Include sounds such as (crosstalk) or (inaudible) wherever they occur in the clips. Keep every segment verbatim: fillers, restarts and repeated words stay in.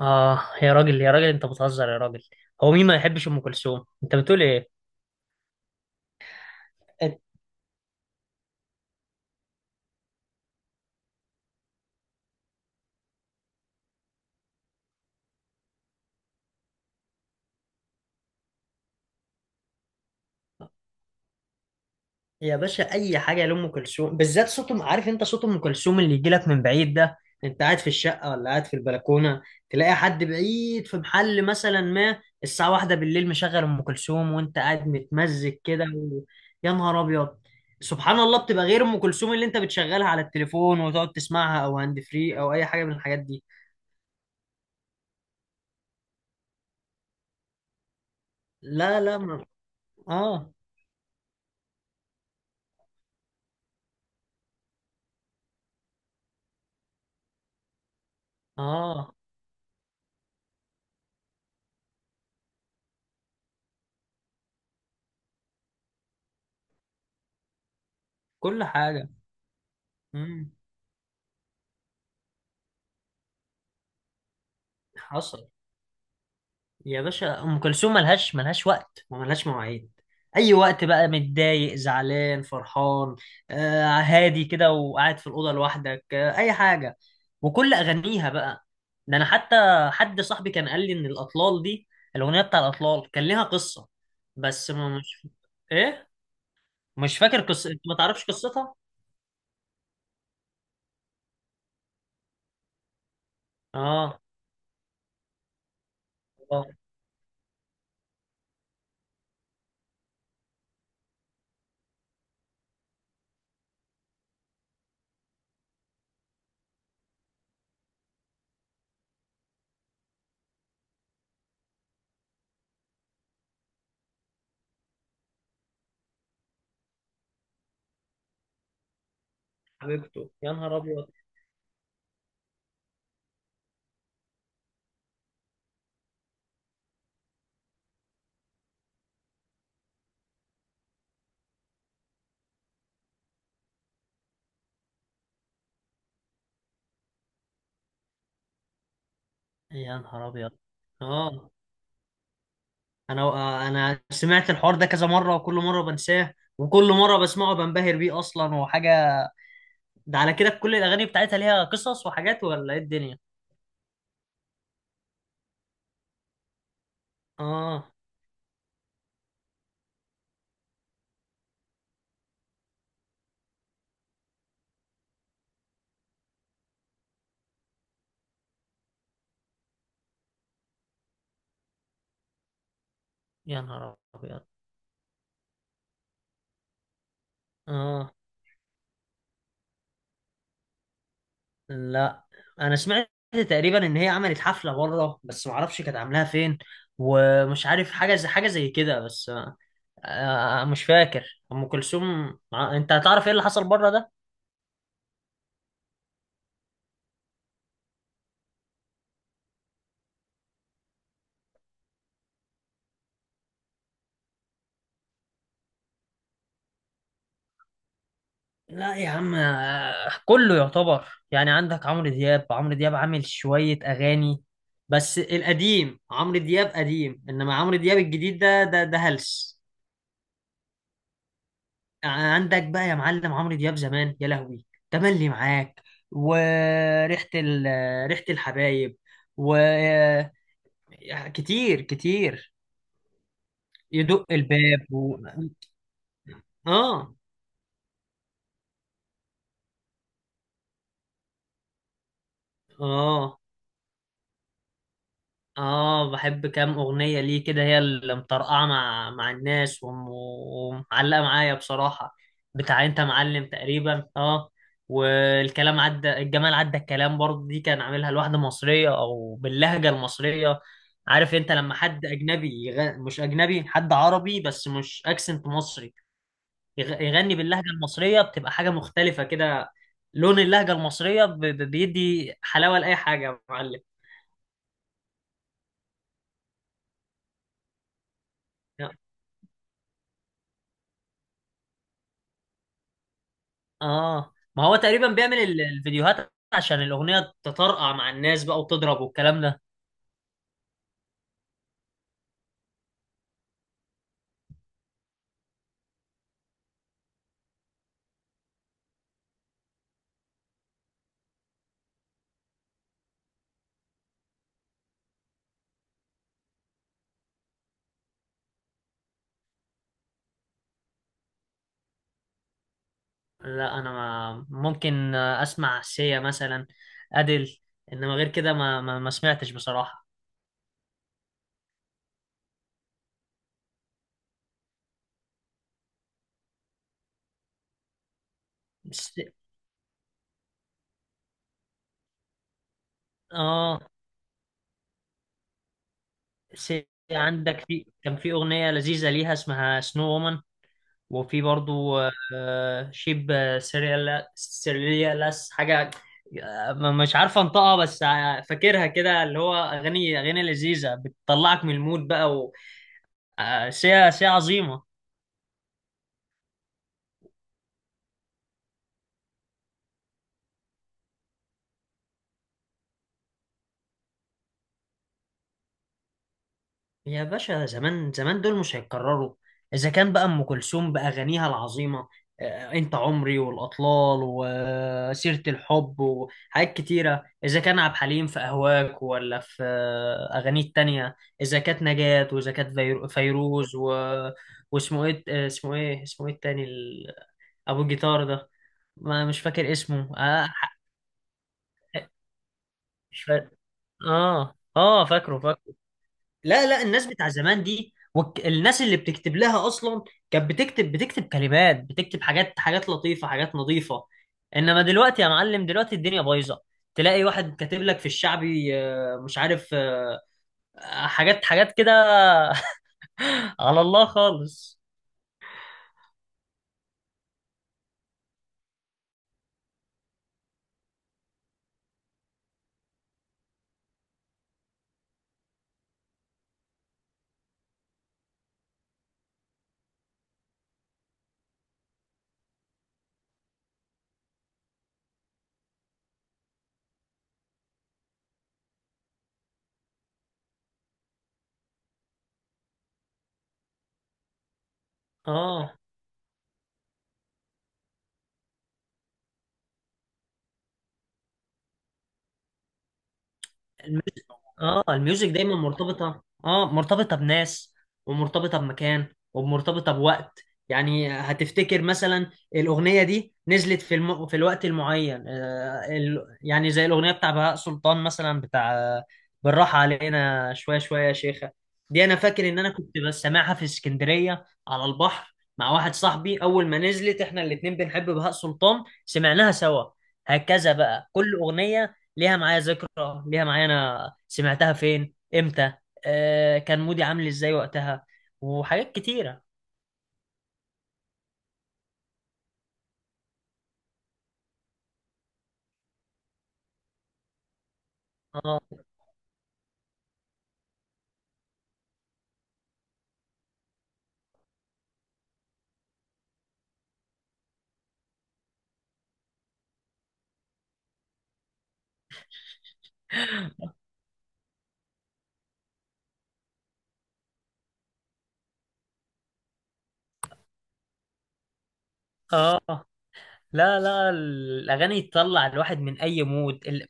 اه، يا راجل يا راجل، انت بتهزر يا راجل. هو مين ما يحبش ام كلثوم؟ انت بتقول ايه؟ أنت- يا باشا، اي حاجه لام كلثوم بالذات. صوت أم- عارف انت صوت ام كلثوم اللي يجي لك من بعيد ده، انت قاعد في الشقه ولا قاعد في البلكونه، تلاقي حد بعيد في محل مثلا ما الساعه واحدة بالليل مشغل ام كلثوم وانت قاعد متمزج كده و... يا نهار ابيض. سبحان الله، بتبقى غير ام كلثوم اللي انت بتشغلها على التليفون وتقعد تسمعها او هاند فري او اي حاجه من الحاجات دي. لا لا ما... اه. اه، كل حاجه. مم. حصل. يا باشا، ام كلثوم ملهاش ملهاش وقت وملهاش مواعيد. اي وقت بقى، متضايق، زعلان، فرحان، آه هادي كده وقاعد في الاوضه لوحدك، آه اي حاجه. وكل اغانيها بقى. ده انا حتى حد صاحبي كان قال لي ان الاطلال دي، الاغنيه بتاع الاطلال، كان ليها قصه. بس ما مش ايه، مش فاكر قصه. انت ما تعرفش قصتها؟ اه. اه. حبيبته، يا نهار ابيض. يا نهار ابيض. اه، انا انا سمعت الحوار ده كذا مره، وكل مره بنساه وكل مره بسمعه بنبهر بيه اصلا وحاجه. ده على كده كل الاغاني بتاعتها ليها قصص وحاجات ولا ايه الدنيا؟ اه. يا نهار ابيض. اه. لا، انا سمعت تقريبا ان هي عملت حفله بره، بس ما اعرفش كانت عاملاها فين. ومش عارف، حاجه زي حاجه زي كده بس. آه، مش فاكر. ام كلثوم مع- انت هتعرف ايه اللي حصل بره ده؟ لا يا عم، آه، كله يعتبر. يعني عندك عمرو دياب، عمرو دياب عامل شوية أغاني بس القديم. عمرو دياب قديم، إنما عمرو دياب الجديد ده ده ده هلس. عندك بقى يا معلم عمرو دياب زمان، يا لهوي. تملي معاك. وريحة ال... ريحة الحبايب. و كتير كتير. يدق الباب و... آه. آه. اه، بحب كام اغنيه ليه كده، هي اللي مطرقعه مع مع الناس وم- ومعلقه معايا بصراحه. بتاع انت معلم تقريبا، اه. والكلام عدى، الجمال عدى، الكلام برضه، دي كان عاملها لواحده مصريه او باللهجه المصريه. عارف انت لما حد اجنبي يغ... مش اجنبي، حد عربي بس مش اكسنت مصري، يغ... يغني باللهجه المصريه، بتبقى حاجه مختلفه كده. لون اللهجه المصريه ب... ب- بيدي حلاوه لاي حاجه يا معلم. آه. اه، ما هو تقريبا بيعمل ال- الفيديوهات عشان الأغنية تطرقع مع الناس بقى وتضرب والكلام ده. لا، أنا ما ممكن أسمع سيا مثلا، أديل. إنما غير كده ما ما, ما سمعتش بصراحة. بس. اه. سيا. عندك، في كان في أغنية لذيذة ليها اسمها سنو وومن. وفي برضو آه، شيب سيريال سيريالاس حاجة. آه، مش عارفه انطقها، بس آه، فاكرها كده. اللي هو اغاني، اغاني لذيذه بتطلعك من المود بقى. آه، شيء شيء عظيمة. يا باشا، زمان زمان دول مش هيتكرروا. إذا كان بقى أم كلثوم بأغانيها العظيمة، آه، أنت عمري والأطلال وسيرة الحب وحاجات كتيرة. إذا كان عبد الحليم في أهواك ولا في آه، أغانيه التانية. إذا كانت نجاة، وإذا كانت فيرو- فيروز و... واسمه إيه، آه، اسمه إيه، اسمه إيه التاني ال- أبو الجيتار ده؟ ما مش فاكر اسمه. آه ح- مش فاكر. آه آه، فاكره. لا لا، الناس بتاع زمان دي والك- الناس اللي بتكتب لها اصلا، كانت بتكتب بتكتب كلمات، بتكتب حاجات، حاجات لطيفه، حاجات نظيفه. انما دلوقتي يا معلم، دلوقتي الدنيا بايظه. تلاقي واحد كاتب لك في الشعبي آه، مش عارف آه، حاجات حاجات كده. (laughs) على الله خالص. اه، الميوزك. اه، الميوزك دايما مرتبطة، اه مرتبطة بناس، ومرتبطة بمكان، ومرتبطة بوقت. يعني هتفتكر مثلا، الأغنية دي نزلت في الم... في الوقت المعين، آه ال... يعني زي الأغنية بتاع بهاء سلطان مثلا، بتاع آه، بالراحة علينا شوية شوية يا شيخة. دي أنا فاكر إن أنا كنت بس سامعها في اسكندرية على البحر مع واحد صاحبي أول ما نزلت، إحنا الاتنين بنحب بهاء سلطان، سمعناها سوا. هكذا بقى، كل أغنية ليها معايا ذكرى، ليها معايا انا سمعتها فين امتى، آه كان مودي عامل ازاي وقتها، وحاجات كتيرة. اه. اه. آه. لا لا، الأغاني تطلع الواحد من أي مود ال...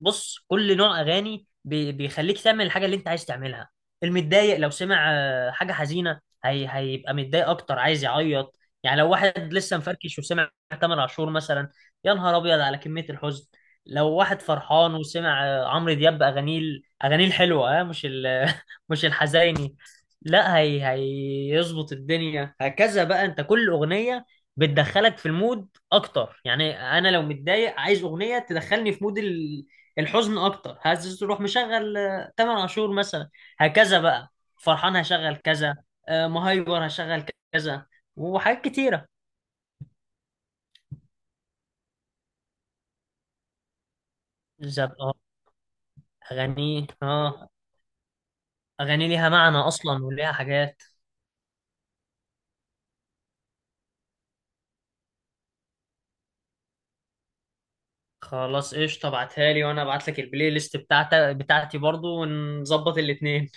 بص، كل نوع أغاني بي... بيخليك تعمل الحاجة اللي أنت عايز تعملها. المتضايق لو سمع آه، حاجة حزينة هي... هيبقى متضايق أكتر، عايز يعيط. يعني لو واحد لسه مفركش وسمع تامر عاشور مثلا، يا نهار أبيض على كمية الحزن. لو واحد فرحان وسمع آه، عمرو دياب، أغانيه ال- أغانيه الحلوة، آه، مش ال... (laughs) مش الحزيني. لا هي، هيظبط الدنيا. هكذا بقى، أنت كل أغنية بتدخلك في المود اكتر. يعني انا لو متضايق عايز اغنيه تدخلني في مود ال- الحزن اكتر، عايز تروح مشغل آه، تامر عاشور مثلا. هكذا بقى. فرحان، هشغل كذا. آه، مهايبر، هشغل كذا وحاجات كتيره. بالظبط اه. اغاني، اه اغاني ليها معنى اصلا وليها حاجات. خلاص قشطه، ابعتها لي وانا ابعت لك البلاي ليست بتاعتي، بتاعتي برضو، ونظبط الاتنين.